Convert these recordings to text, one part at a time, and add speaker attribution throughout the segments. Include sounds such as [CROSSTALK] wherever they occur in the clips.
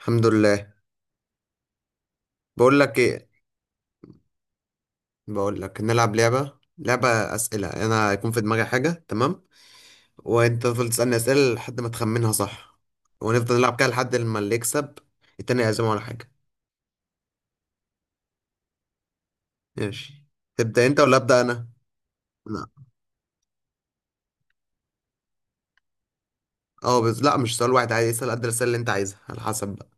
Speaker 1: الحمد لله. بقول لك ايه؟ بقول لك نلعب لعبة أسئلة، انا هيكون في دماغي حاجة، تمام؟ وانت تفضل تسألني أسئلة لحد ما تخمنها صح، ونفضل نلعب كده لحد ما اللي يكسب التاني يعزمه على حاجة. ماشي. تبدأ انت ولا أبدأ انا؟ لا. اه، بس لا، مش سؤال واحد عادي، اسأل قد الأسئلة اللي انت عايزها على حسب بقى.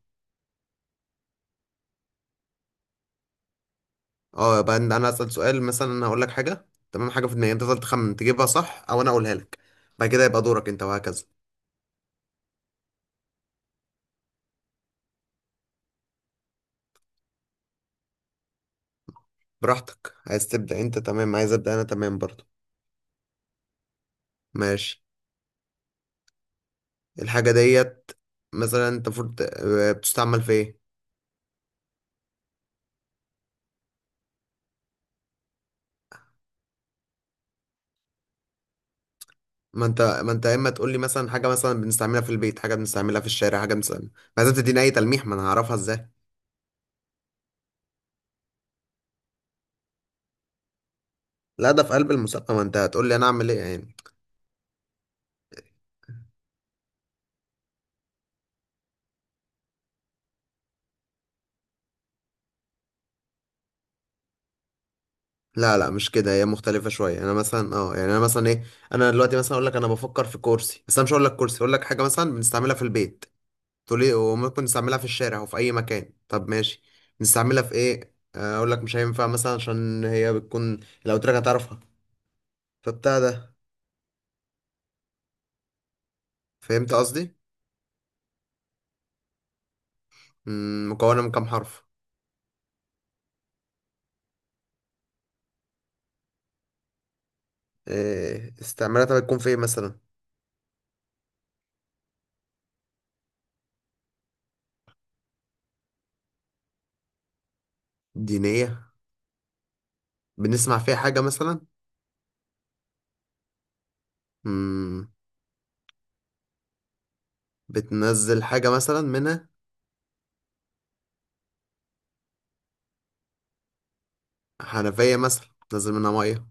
Speaker 1: اه، يبقى أنا أسأل سؤال، مثلا انا هقول لك حاجة، تمام؟ حاجة في دماغي، انت تفضل تخمن تجيبها صح او انا اقولها لك، بعد كده يبقى دورك انت وهكذا. براحتك، عايز تبدأ انت تمام، عايز أبدأ انا تمام برضه. ماشي. الحاجة ديت مثلا، انت المفروض بتستعمل في ايه؟ ما انت يا اما تقول لي مثلا حاجة مثلا بنستعملها في البيت، حاجة بنستعملها في الشارع، حاجة بنستعملها. ما لازم تديني اي تلميح، ما انا هعرفها ازاي؟ لا، ده في قلب المسابقة، ما انت هتقول لي انا اعمل ايه يعني. لا لا، مش كده، هي مختلفة شوية، انا مثلا يعني انا مثلا ايه. انا دلوقتي مثلا اقول لك انا بفكر في كرسي، بس انا مش هقول لك كرسي، اقول لك حاجة مثلا بنستعملها في البيت، تقول لي وممكن نستعملها في الشارع وفي اي مكان. طب ماشي. نستعملها في ايه؟ اقول لك مش هينفع مثلا، عشان هي بتكون لو قلت لك هتعرفها فبتاع ده. فهمت قصدي؟ مكونة من كام حرف؟ إيه استعمالاتها بتكون في ايه مثلا؟ دينية. بنسمع فيها حاجة مثلا؟ مم، بتنزل حاجة مثلا منها؟ حنفية مثلا بتنزل منها مية.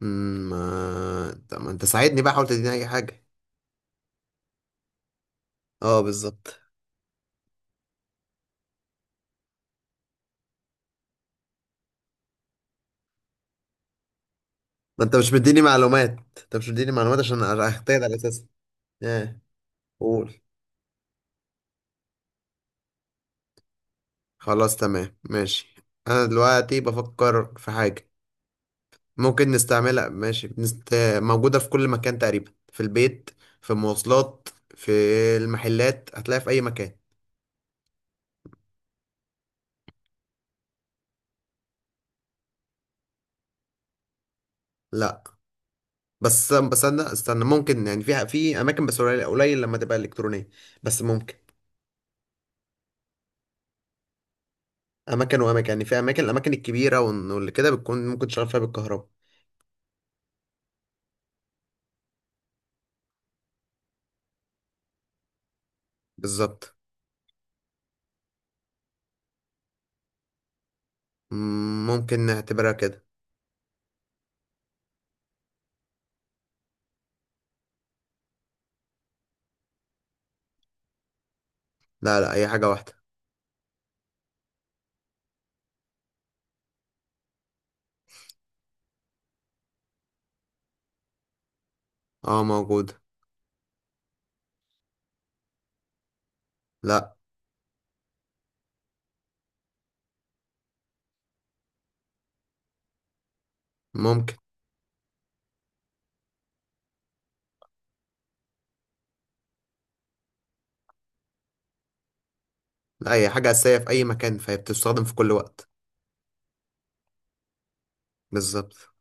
Speaker 1: ما انت ساعدني بقى، حاول تديني اي حاجة. اه، بالظبط. ما انت مش مديني معلومات، انت مش مديني معلومات عشان اختار على اساس. ايه؟ قول. خلاص، تمام، ماشي. انا دلوقتي بفكر في حاجة ممكن نستعملها، ماشي، موجودة في كل مكان تقريبا، في البيت، في المواصلات، في المحلات، هتلاقيها في أي مكان. لا. بس أنا استنى، ممكن يعني في أماكن، بس قليل قليل لما تبقى إلكترونية، بس ممكن. أماكن وأماكن، يعني في أماكن، الأماكن الكبيرة واللي كده بتكون ممكن تشغل فيها بالكهرباء. بالظبط. ممكن نعتبرها كده. لا لا، أي حاجة واحدة. اه، موجودة. لا. ممكن. لا، هي حاجة أساسية في أي مكان، فهي بتستخدم في كل وقت. بالظبط.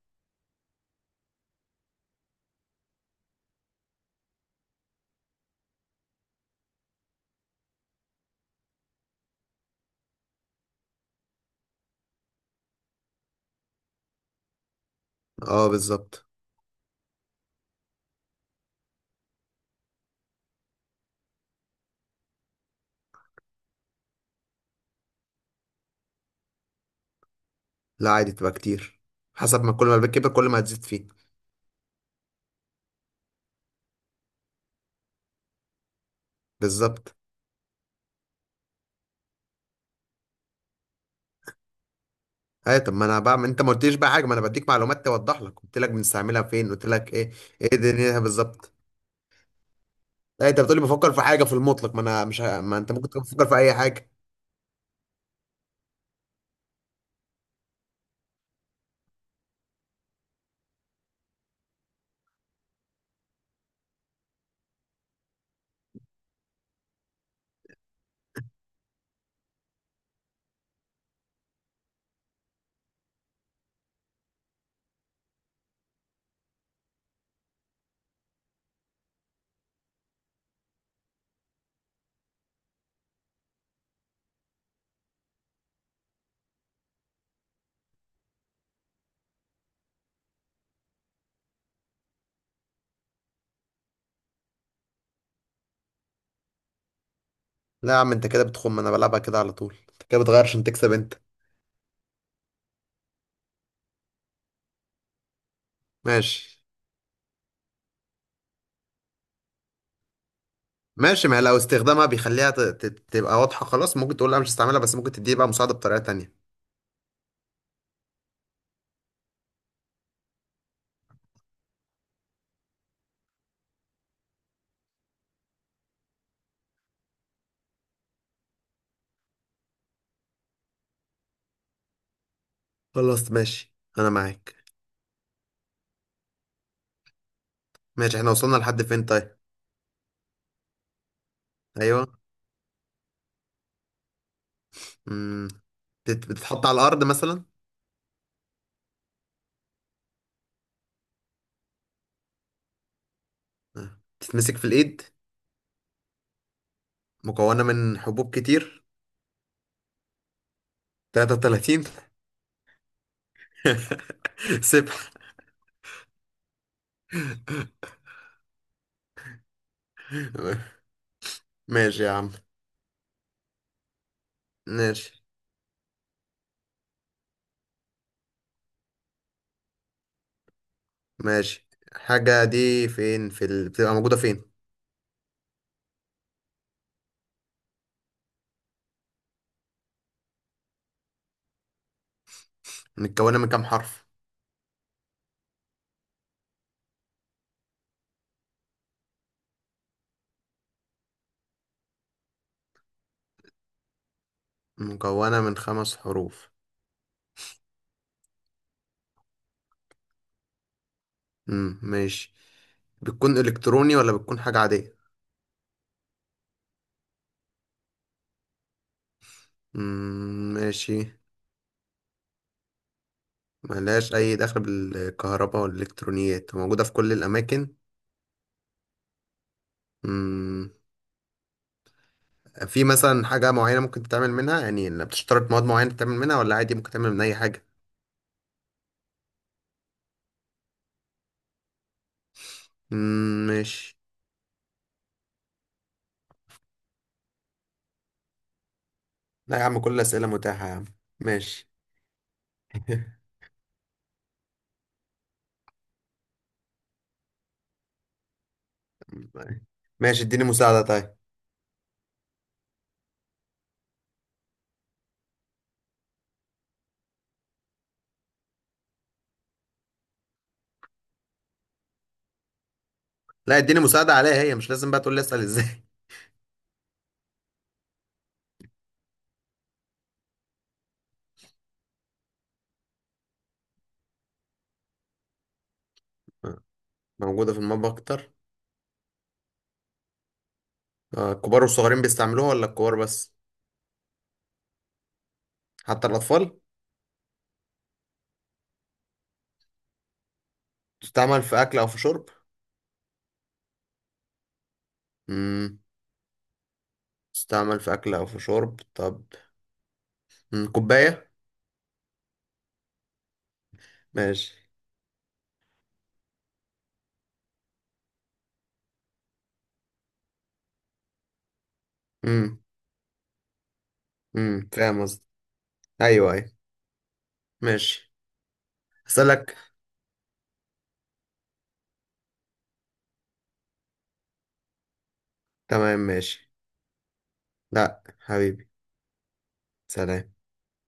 Speaker 1: اه، بالظبط. لا، عادي تبقى كتير، حسب ما كل ما البيت كبر كل ما هتزيد فيه. بالظبط. ايوه، طب ما انا بقى، ما انت ما قلتليش بقى حاجه، ما انا بديك معلومات توضح لك، قلت لك بنستعملها فين، قلت لك ايه ايه دنيتها بالظبط. لا، انت بتقولي بفكر في حاجه في المطلق، ما انا مش ه... ما انت ممكن تكون بتفكر في اي حاجه. لا يا عم، انت كده بتخم، انا بلعبها كده على طول، انت كده بتغير عشان تكسب انت. ماشي ماشي. ما هي لو استخدامها بيخليها تبقى واضحه خلاص، ممكن تقول لا مش هستعملها، بس ممكن تديه بقى مساعده بطريقه تانية. خلاص ماشي، انا معاك. ماشي، احنا وصلنا لحد فين طيب؟ ايوه. مم. بتتحط على الأرض مثلا؟ تتمسك في الإيد. مكونة من حبوب كتير. 33. سبح. [LAUGHS] ماشي يا عم. ماشي ماشي. الحاجة دي فين، بتبقى موجودة فين؟ متكونة من كام حرف؟ مكونة من 5 حروف. مم. ماشي. بتكون إلكتروني ولا بتكون حاجة عادية؟ مم. ماشي. ملهاش أي دخل بالكهرباء والإلكترونيات، موجودة في كل الأماكن. مم. في مثلا حاجة معينة ممكن تتعمل منها، يعني إن بتشترط مواد معينة تتعمل منها ولا عادي ممكن تعمل من أي حاجة؟ مم، ماشي. لا يا عم، كل الأسئلة متاحة يا عم. ماشي. [LAUGHS] ماشي، اديني مساعدة طيب. لا، اديني مساعدة عليها، هي مش لازم بقى تقول لي أسأل ازاي. [LAUGHS] آه، موجودة في المطبخ أكتر. الكبار والصغيرين بيستعملوها ولا الكبار بس؟ حتى الأطفال. تستعمل في أكل أو في شرب؟ مم. تستعمل في أكل أو في شرب طب. مم. كوباية. ماشي. مم. مم. فاهم قصدي؟ أيوه أيوه. ماشي. هسألك. تمام ماشي. لا حبيبي. سلام.